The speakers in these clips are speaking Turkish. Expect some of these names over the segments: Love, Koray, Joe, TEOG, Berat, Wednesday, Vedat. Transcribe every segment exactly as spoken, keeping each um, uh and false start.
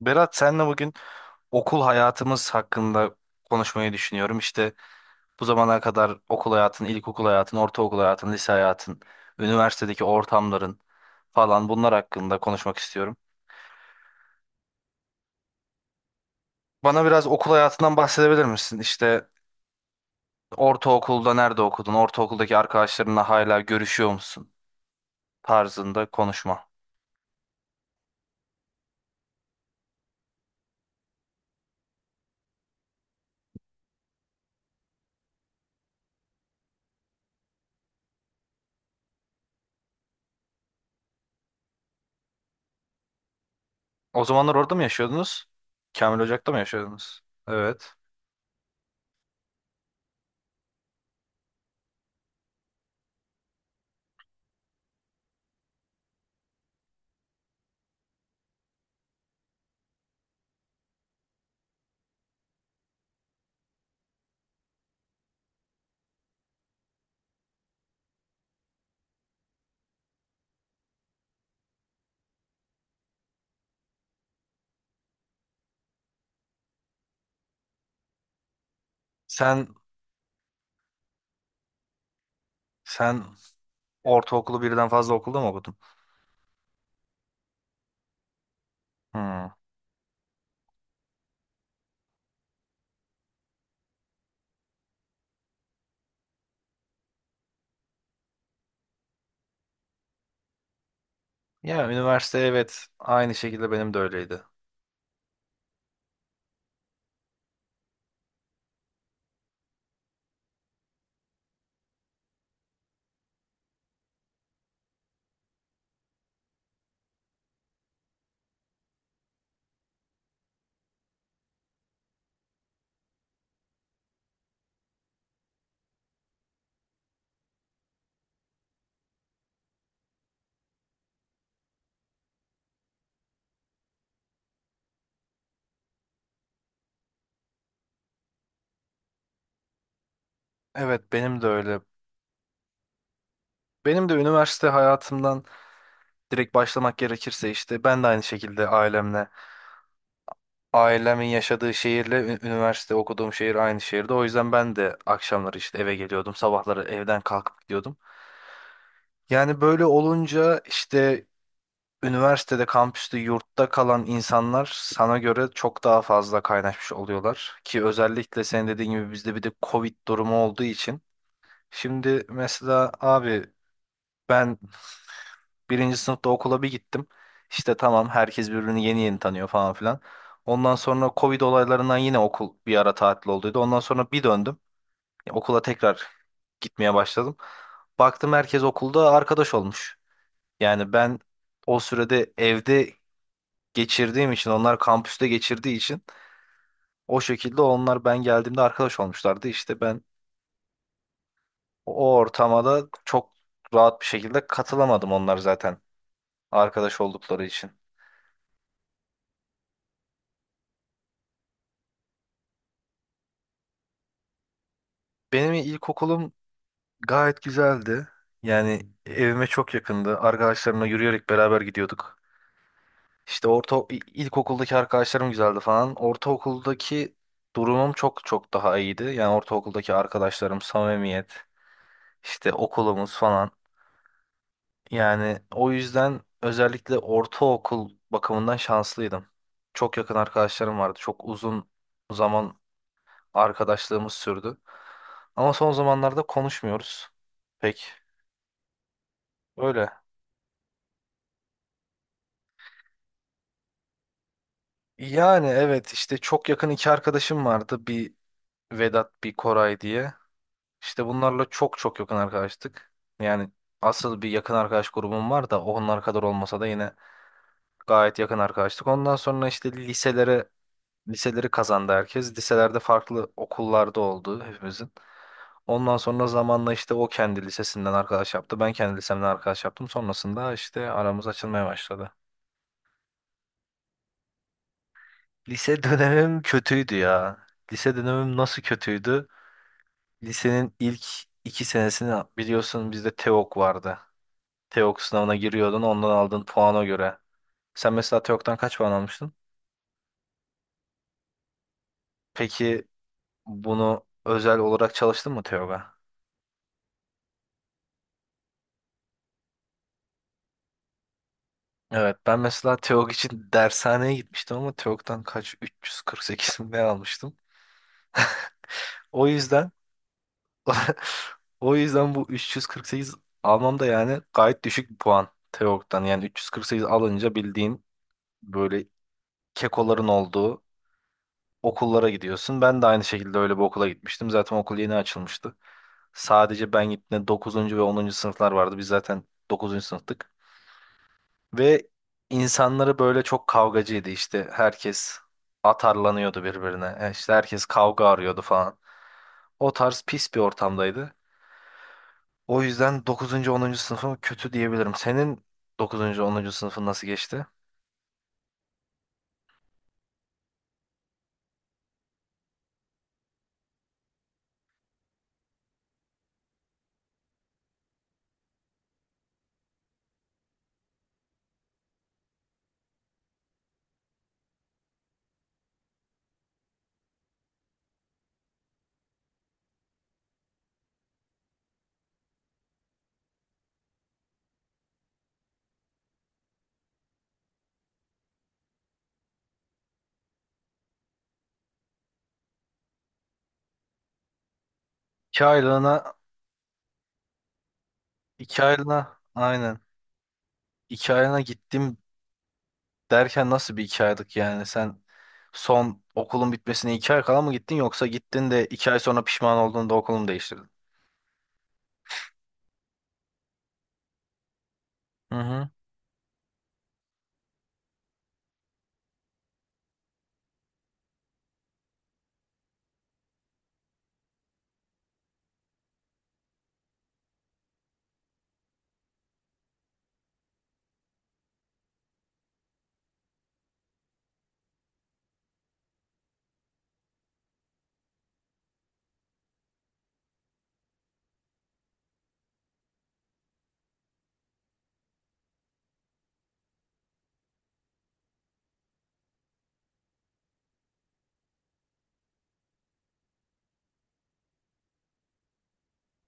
Berat, senle bugün okul hayatımız hakkında konuşmayı düşünüyorum. İşte bu zamana kadar okul hayatın, ilkokul hayatın, ortaokul hayatın, lise hayatın, üniversitedeki ortamların falan, bunlar hakkında konuşmak istiyorum. Bana biraz okul hayatından bahsedebilir misin? İşte ortaokulda nerede okudun? Ortaokuldaki arkadaşlarınla hala görüşüyor musun? Tarzında konuşma. O zamanlar orada mı yaşıyordunuz? Kamil Ocak'ta mı yaşıyordunuz? Evet. Sen sen ortaokulu birden fazla okulda mı okudun? Hmm. Ya, üniversite evet, aynı şekilde benim de öyleydi. Evet, benim de öyle. Benim de üniversite hayatımdan direkt başlamak gerekirse işte ben de aynı şekilde ailemle. Ailemin yaşadığı şehirle ü- üniversite okuduğum şehir aynı şehirde. O yüzden ben de akşamları işte eve geliyordum. Sabahları evden kalkıp gidiyordum. Yani böyle olunca işte üniversitede, kampüste, yurtta kalan insanlar sana göre çok daha fazla kaynaşmış oluyorlar. Ki özellikle senin dediğin gibi bizde bir de Covid durumu olduğu için. Şimdi mesela abi, ben birinci sınıfta okula bir gittim. İşte tamam, herkes birbirini yeni yeni tanıyor falan filan. Ondan sonra Covid olaylarından yine okul bir ara tatil olduydu. Ondan sonra bir döndüm. Ya, Okula tekrar gitmeye başladım. Baktım herkes okulda arkadaş olmuş. Yani ben o sürede evde geçirdiğim için, onlar kampüste geçirdiği için o şekilde, onlar ben geldiğimde arkadaş olmuşlardı. İşte ben o ortama da çok rahat bir şekilde katılamadım, onlar zaten arkadaş oldukları için. Benim ilkokulum gayet güzeldi. Yani evime çok yakındı. Arkadaşlarımla yürüyerek beraber gidiyorduk. İşte orta il- ilkokuldaki arkadaşlarım güzeldi falan. Ortaokuldaki durumum çok çok daha iyiydi. Yani ortaokuldaki arkadaşlarım, samimiyet, işte okulumuz falan. Yani o yüzden özellikle ortaokul bakımından şanslıydım. Çok yakın arkadaşlarım vardı. Çok uzun zaman arkadaşlığımız sürdü. Ama son zamanlarda konuşmuyoruz pek öyle. Yani evet, işte çok yakın iki arkadaşım vardı. Bir Vedat, bir Koray diye. İşte bunlarla çok çok yakın arkadaştık. Yani asıl bir yakın arkadaş grubum var da onlar kadar olmasa da yine gayet yakın arkadaştık. Ondan sonra işte liselere liseleri kazandı herkes. Liselerde farklı okullarda oldu hepimizin. Ondan sonra zamanla işte o kendi lisesinden arkadaş yaptı. Ben kendi lisemden arkadaş yaptım. Sonrasında işte aramız açılmaya başladı. Lise dönemim kötüydü ya. Lise dönemim nasıl kötüydü? Lisenin ilk iki senesini biliyorsun, bizde T E O G vardı. T E O G sınavına giriyordun, ondan aldığın puana göre. Sen mesela T E O G'dan kaç puan almıştın? Peki bunu özel olarak çalıştın mı T E O G'a? Evet, ben mesela T E O G için dershaneye gitmiştim ama T E O G'dan kaç, üç yüz kırk sekiz mi ne almıştım. O yüzden o yüzden bu üç yüz kırk sekiz almam da yani gayet düşük bir puan T E O G'dan. Yani üç yüz kırk sekiz alınca bildiğin böyle kekoların olduğu okullara gidiyorsun. Ben de aynı şekilde öyle bir okula gitmiştim. Zaten okul yeni açılmıştı. Sadece ben gittiğimde dokuzuncu ve onuncu sınıflar vardı. Biz zaten dokuzuncu sınıftık. Ve insanları böyle çok kavgacıydı işte. Herkes atarlanıyordu birbirine. E İşte herkes kavga arıyordu falan. O tarz pis bir ortamdaydı. O yüzden dokuzuncu onuncu sınıfım kötü diyebilirim. Senin dokuzuncu onuncu sınıfın nasıl geçti? iki aylığına, iki aylığına aynen. iki aylığına gittim derken, nasıl bir iki aylık yani? Sen son okulun bitmesine iki ay kala mı gittin, yoksa gittin de iki ay sonra pişman olduğunda okulumu değiştirdin? Hı hı.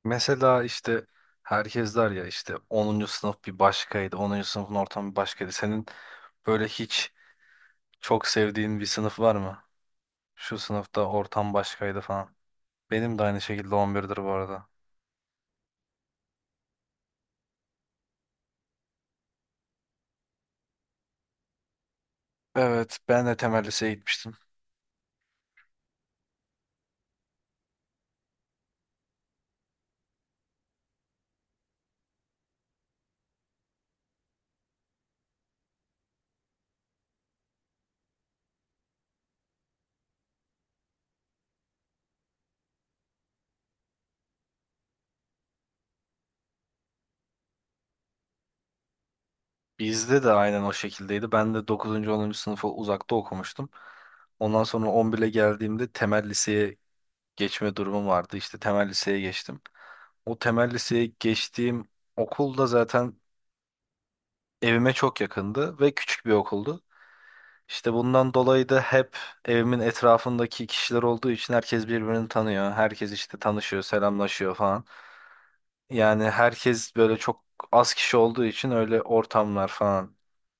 Mesela işte herkes der ya, işte onuncu sınıf bir başkaydı, onuncu sınıfın ortamı bir başkaydı. Senin böyle hiç çok sevdiğin bir sınıf var mı? Şu sınıfta ortam başkaydı falan. Benim de aynı şekilde on birdir bu arada. Evet, ben de temel liseye gitmiştim. Bizde de aynen o şekildeydi. Ben de dokuzuncu onuncu sınıfı uzakta okumuştum. Ondan sonra on bire geldiğimde temel liseye geçme durumum vardı. İşte temel liseye geçtim. O temel liseye geçtiğim okulda zaten evime çok yakındı ve küçük bir okuldu. İşte bundan dolayı da hep evimin etrafındaki kişiler olduğu için herkes birbirini tanıyor. Herkes işte tanışıyor, selamlaşıyor falan. Yani herkes böyle çok az kişi olduğu için öyle ortamlar falan.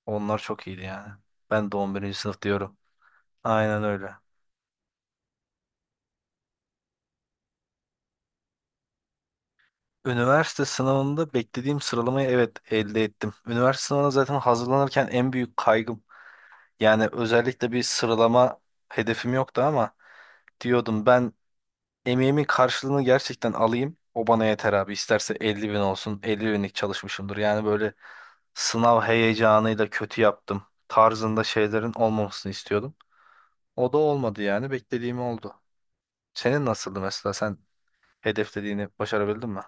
Onlar çok iyiydi yani. Ben de on birinci sınıf diyorum. Aynen öyle. Üniversite sınavında beklediğim sıralamayı, evet, elde ettim. Üniversite sınavına zaten hazırlanırken en büyük kaygım. Yani özellikle bir sıralama hedefim yoktu ama diyordum ben, emeğimin karşılığını gerçekten alayım. O bana yeter abi. İsterse elli bin olsun. elli binlik çalışmışımdır. Yani böyle sınav heyecanıyla kötü yaptım tarzında şeylerin olmamasını istiyordum. O da olmadı yani. Beklediğim oldu. Senin nasıldı mesela? Sen hedeflediğini başarabildin mi?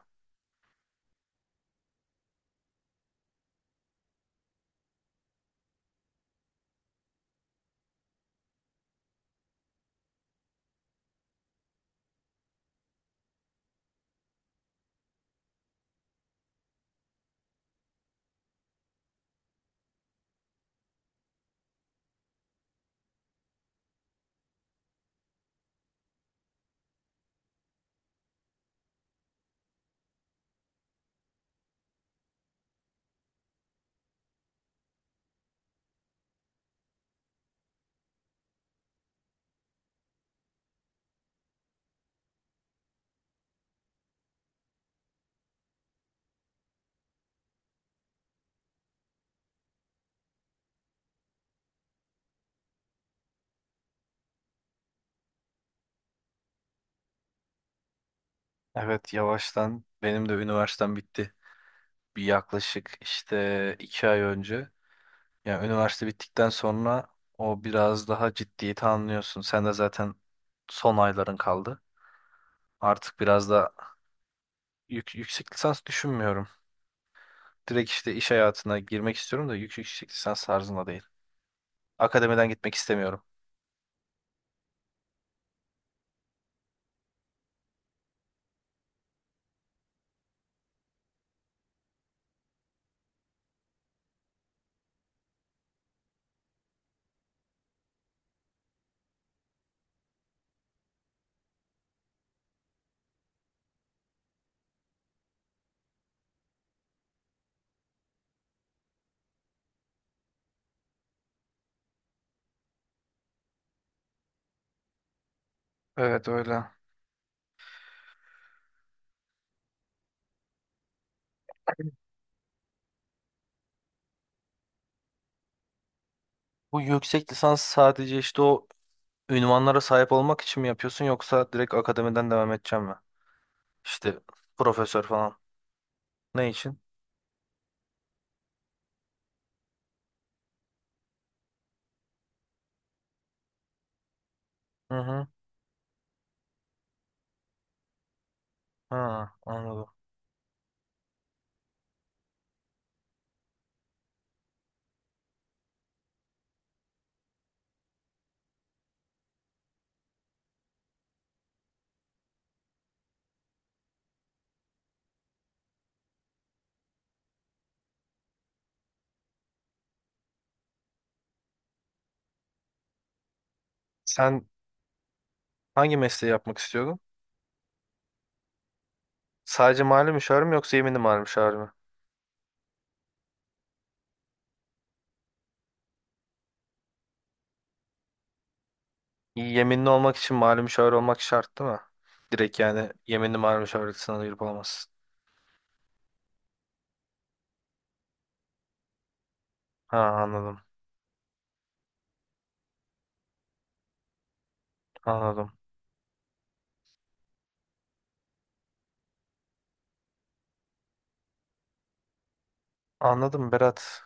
Evet, yavaştan benim de üniversitem bitti. Bir yaklaşık işte iki ay önce. Yani üniversite bittikten sonra o biraz daha ciddiyeti anlıyorsun. Sen de zaten son ayların kaldı. Artık biraz da yük- yüksek lisans düşünmüyorum. Direkt işte iş hayatına girmek istiyorum da yük- yüksek lisans tarzında değil. Akademiden gitmek istemiyorum. Evet öyle. Bu yüksek lisans sadece işte o ünvanlara sahip olmak için mi yapıyorsun, yoksa direkt akademiden devam edeceğim mi? İşte profesör falan. Ne için? Hı hı. Ha, anladım. Sen hangi mesleği yapmak istiyordun? Sadece mali müşavir mi yoksa yeminli mali müşavir mi? Yeminli olmak için mali müşavir olmak şart değil mi? Direkt yani yeminli mali müşavirlik sınavına girip olamazsın. Ha, anladım. Anladım. Anladım Berat.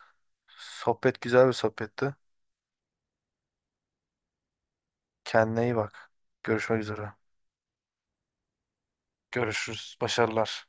Sohbet güzel bir sohbetti. Kendine iyi bak. Görüşmek üzere. Görüşürüz. Başarılar.